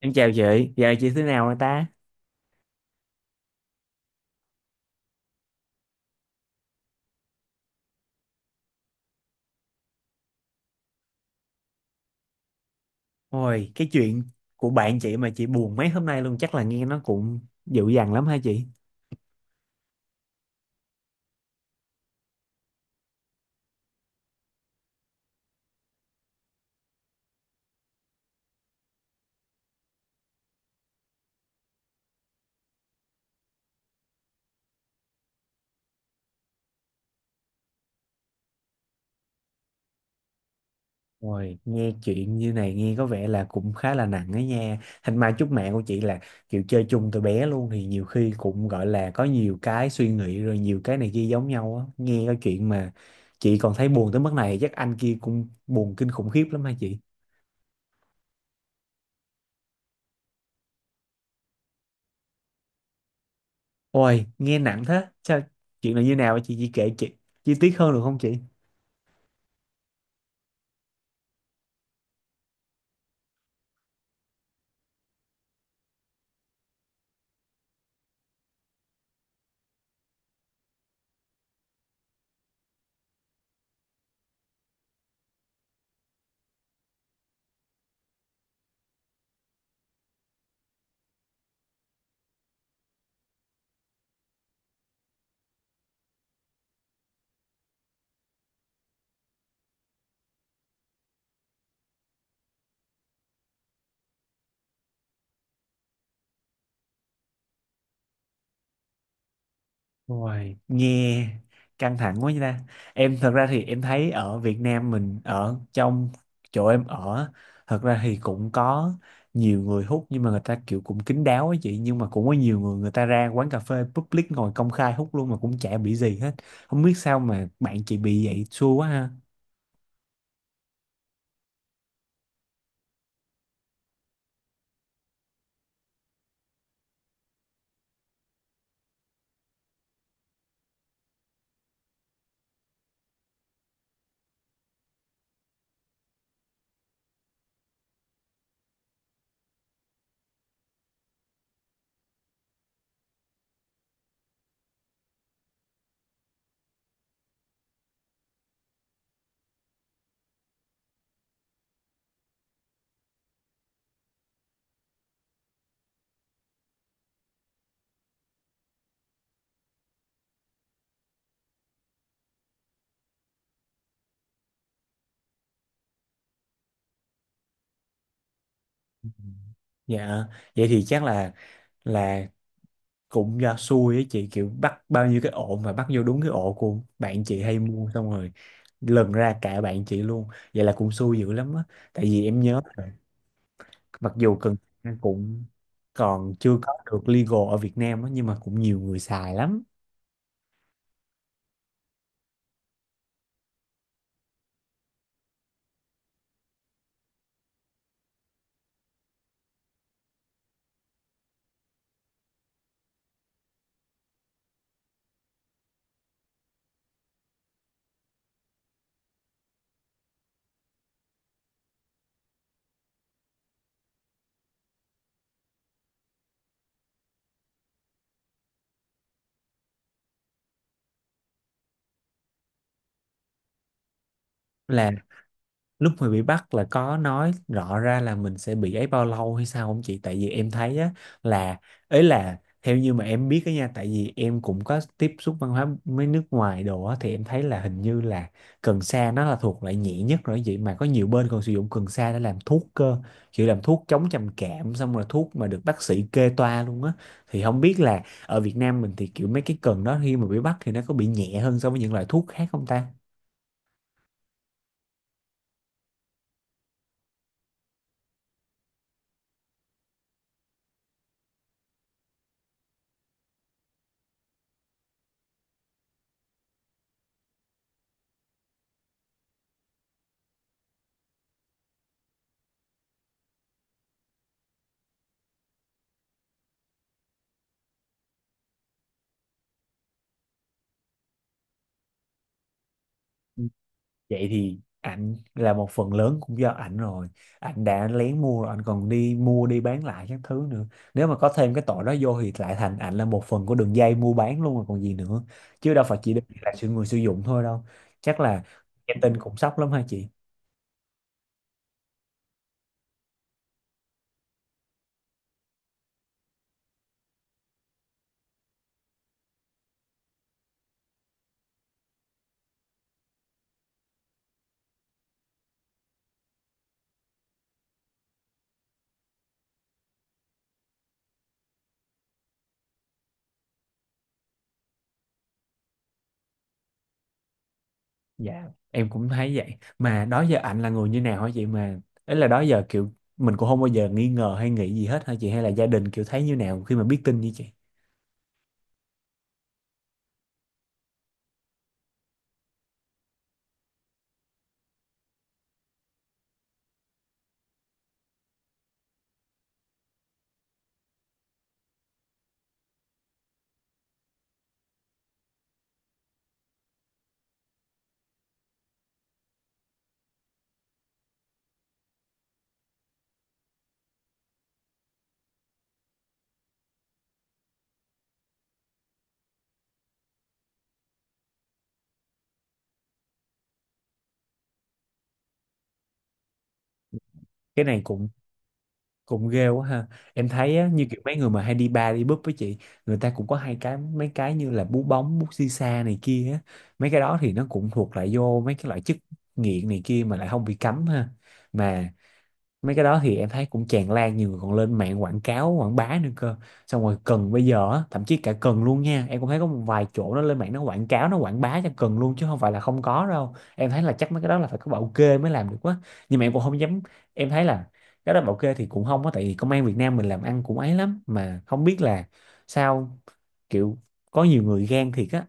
Em chào chị, giờ chị thế nào rồi ta? Ôi, cái chuyện của bạn chị mà chị buồn mấy hôm nay luôn, chắc là nghe nó cũng dịu dàng lắm hả chị? Ôi, nghe chuyện như này nghe có vẻ là cũng khá là nặng ấy nha. Thành mai chúc mẹ của chị là kiểu chơi chung từ bé luôn thì nhiều khi cũng gọi là có nhiều cái suy nghĩ rồi nhiều cái này kia giống nhau á. Nghe cái chuyện mà chị còn thấy buồn tới mức này chắc anh kia cũng buồn kinh khủng khiếp lắm hả chị? Ôi, nghe nặng thế. Sao chuyện là như nào hả chị? Chị kể chị chi tiết hơn được không chị? Ôi, nghe căng thẳng quá vậy ta. Em thật ra thì em thấy ở Việt Nam mình, ở trong chỗ em ở, thật ra thì cũng có nhiều người hút, nhưng mà người ta kiểu cũng kín đáo ấy chị, nhưng mà cũng có nhiều người người ta ra quán cà phê public ngồi công khai hút luôn mà cũng chả bị gì hết. Không biết sao mà bạn chị bị vậy, xui quá ha. Dạ, vậy thì chắc là cũng do xui ấy chị, kiểu bắt bao nhiêu cái ổ mà bắt vô đúng cái ổ của bạn chị hay mua, xong rồi lần ra cả bạn chị luôn, vậy là cũng xui dữ lắm á. Tại vì em nhớ là mặc dù cần cũng còn chưa có được legal ở Việt Nam á nhưng mà cũng nhiều người xài lắm. Là lúc mà bị bắt, là có nói rõ ra là mình sẽ bị ấy bao lâu hay sao không chị? Tại vì em thấy á, là ấy, là theo như mà em biết á nha, tại vì em cũng có tiếp xúc văn hóa mấy nước ngoài đồ á, thì em thấy là hình như là cần sa nó là thuộc loại nhẹ nhất rồi, vậy mà có nhiều bên còn sử dụng cần sa để làm thuốc cơ, kiểu làm thuốc chống trầm cảm, xong rồi thuốc mà được bác sĩ kê toa luôn á. Thì không biết là ở Việt Nam mình thì kiểu mấy cái cần đó khi mà bị bắt thì nó có bị nhẹ hơn so với những loại thuốc khác không ta? Vậy thì ảnh là một phần lớn cũng do ảnh rồi, ảnh đã lén mua rồi ảnh còn đi mua đi bán lại các thứ nữa. Nếu mà có thêm cái tội đó vô thì lại thành ảnh là một phần của đường dây mua bán luôn rồi còn gì nữa, chứ đâu phải chỉ đơn là sự người sử dụng thôi đâu. Chắc là em tin cũng sốc lắm hả chị. Dạ, em cũng thấy vậy. Mà đó giờ ảnh là người như nào hả chị, mà ấy là đó giờ kiểu mình cũng không bao giờ nghi ngờ hay nghĩ gì hết hả chị, hay là gia đình kiểu thấy như nào khi mà biết tin như chị? Cái này cũng cũng ghê quá ha. Em thấy á, như Ừ, kiểu mấy người mà hay đi bar đi búp với chị, người ta cũng có hai cái mấy cái như là bú bóng bút xì xa này kia á, mấy cái đó thì nó cũng thuộc lại vô mấy cái loại chất nghiện này kia mà lại không bị cấm ha. Mà mấy cái đó thì em thấy cũng tràn lan, nhiều người còn lên mạng quảng cáo quảng bá nữa cơ. Xong rồi cần bây giờ á, thậm chí cả cần luôn nha, em cũng thấy có một vài chỗ nó lên mạng nó quảng cáo nó quảng bá cho cần luôn, chứ không phải là không có đâu. Em thấy là chắc mấy cái đó là phải có bảo kê mới làm được quá. Nhưng mà em cũng không dám, em thấy là cái đó bảo kê thì cũng không á, tại vì công an Việt Nam mình làm ăn cũng ấy lắm, mà không biết là sao, kiểu có nhiều người gan thiệt á.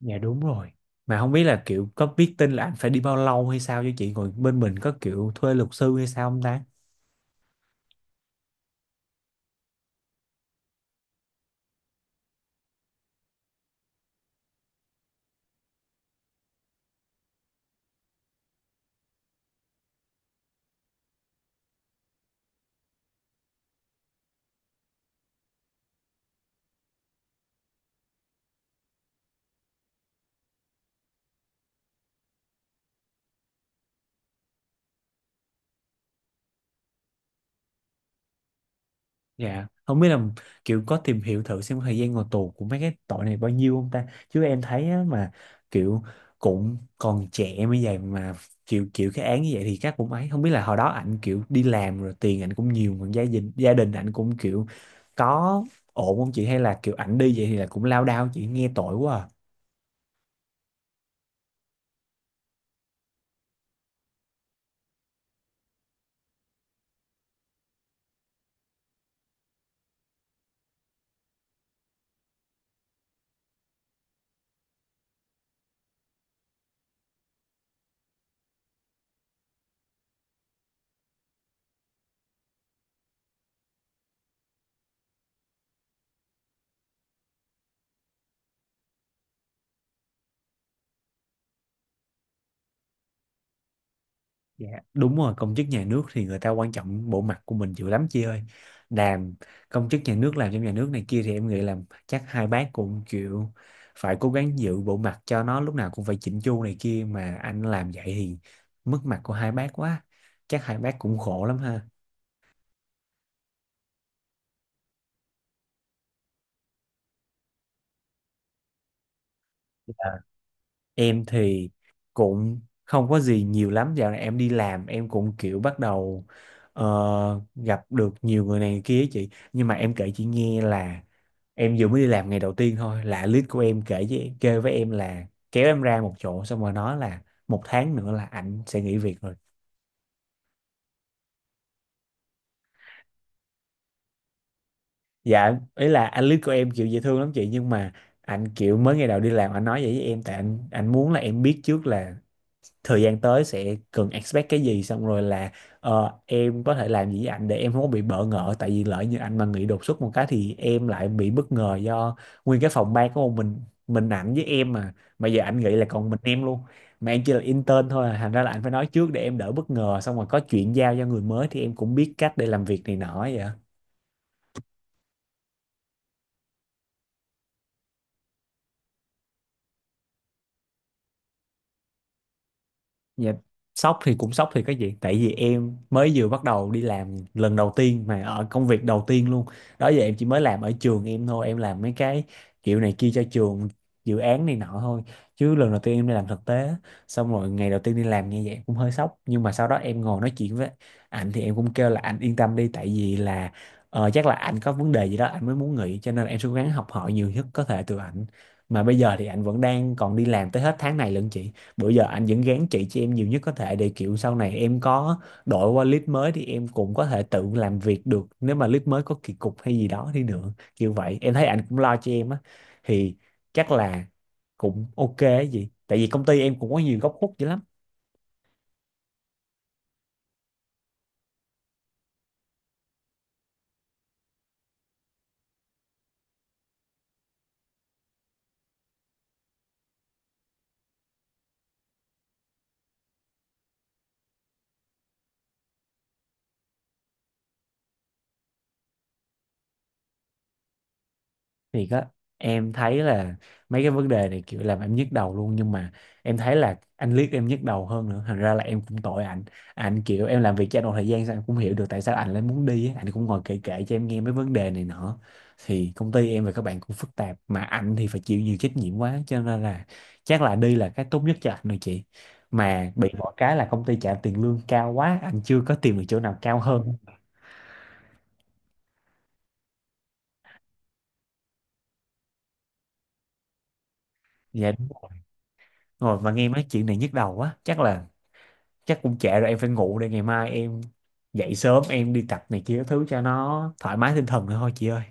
Dạ đúng rồi, mà không biết là kiểu có biết tin là anh phải đi bao lâu hay sao cho chị, ngồi bên mình có kiểu thuê luật sư hay sao không ta? Dạ, không biết là kiểu có tìm hiểu thử xem thời gian ngồi tù của mấy cái tội này bao nhiêu không ta? Chứ em thấy á, mà kiểu cũng còn trẻ mới vậy mà kiểu kiểu cái án như vậy thì chắc cũng ấy. Không biết là hồi đó ảnh kiểu đi làm rồi tiền ảnh cũng nhiều, còn gia đình ảnh cũng kiểu có ổn không chị, hay là kiểu ảnh đi vậy thì là cũng lao đao, chị nghe tội quá à. Dạ, đúng rồi, công chức nhà nước thì người ta quan trọng bộ mặt của mình dữ lắm chị ơi. Làm công chức nhà nước, làm trong nhà nước này kia thì em nghĩ là chắc hai bác cũng chịu, phải cố gắng giữ bộ mặt cho nó lúc nào cũng phải chỉnh chu này kia, mà anh làm vậy thì mất mặt của hai bác quá. Chắc hai bác cũng khổ lắm ha. Em thì cũng không có gì nhiều lắm, dạo này em đi làm em cũng kiểu bắt đầu gặp được nhiều người này người kia ấy chị. Nhưng mà em kể chị nghe, là em vừa mới đi làm ngày đầu tiên thôi là lead của em kể với kêu với em, là kéo em ra một chỗ xong rồi nói là một tháng nữa là ảnh sẽ nghỉ việc rồi. Dạ ý là anh lead của em kiểu dễ thương lắm chị, nhưng mà anh kiểu mới ngày đầu đi làm anh nói vậy với em, tại anh muốn là em biết trước là thời gian tới sẽ cần expect cái gì, xong rồi là em có thể làm gì với anh để em không có bị bỡ ngỡ, tại vì lỡ như anh mà nghỉ đột xuất một cái thì em lại bị bất ngờ, do nguyên cái phòng ban của mình ảnh với em mà giờ anh nghĩ là còn mình em luôn, mà em chỉ là intern thôi à. Thành ra là anh phải nói trước để em đỡ bất ngờ, xong rồi có chuyện giao cho người mới thì em cũng biết cách để làm việc này nọ vậy. Dạ, sốc thì cũng sốc thì cái gì, tại vì em mới vừa bắt đầu đi làm lần đầu tiên mà, ở công việc đầu tiên luôn. Đó giờ em chỉ mới làm ở trường em thôi, em làm mấy cái kiểu này kia cho trường, dự án này nọ thôi, chứ lần đầu tiên em đi làm thực tế xong rồi ngày đầu tiên đi làm như vậy cũng hơi sốc. Nhưng mà sau đó em ngồi nói chuyện với anh thì em cũng kêu là anh yên tâm đi, tại vì là chắc là anh có vấn đề gì đó anh mới muốn nghỉ, cho nên là em sẽ cố gắng học hỏi nhiều nhất có thể từ anh. Mà bây giờ thì anh vẫn đang còn đi làm tới hết tháng này lận chị, bữa giờ anh vẫn gán chị cho em nhiều nhất có thể, để kiểu sau này em có đổi qua lead mới thì em cũng có thể tự làm việc được, nếu mà lead mới có kỳ cục hay gì đó đi nữa kiểu vậy, em thấy anh cũng lo cho em á. Thì chắc là cũng ok ấy gì, tại vì công ty em cũng có nhiều góc khuất dữ lắm. Thì á, em thấy là mấy cái vấn đề này kiểu làm em nhức đầu luôn, nhưng mà em thấy là anh liếc em nhức đầu hơn nữa, thành ra là em cũng tội anh. Anh kiểu em làm việc cho anh một thời gian sao em cũng hiểu được tại sao anh lại muốn đi á. Anh cũng ngồi kể kể cho em nghe mấy vấn đề này nọ, thì công ty em và các bạn cũng phức tạp, mà anh thì phải chịu nhiều trách nhiệm quá, cho nên là chắc là đi là cái tốt nhất cho anh rồi chị. Mà bị mỗi cái là công ty trả tiền lương cao quá, anh chưa có tìm được chỗ nào cao hơn. Dạ đúng rồi. Ngồi mà nghe mấy chuyện này nhức đầu quá, chắc cũng trễ rồi, em phải ngủ đây. Ngày mai em dậy sớm em đi tập này kia thứ cho nó thoải mái tinh thần nữa thôi chị ơi.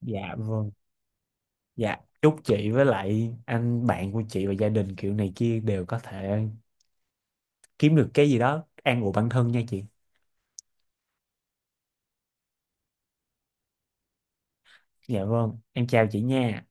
Dạ vâng. Dạ chúc chị với lại anh bạn của chị và gia đình kiểu này kia đều có thể kiếm được cái gì đó an ủi bản thân nha chị. Dạ vâng, em chào chị nha.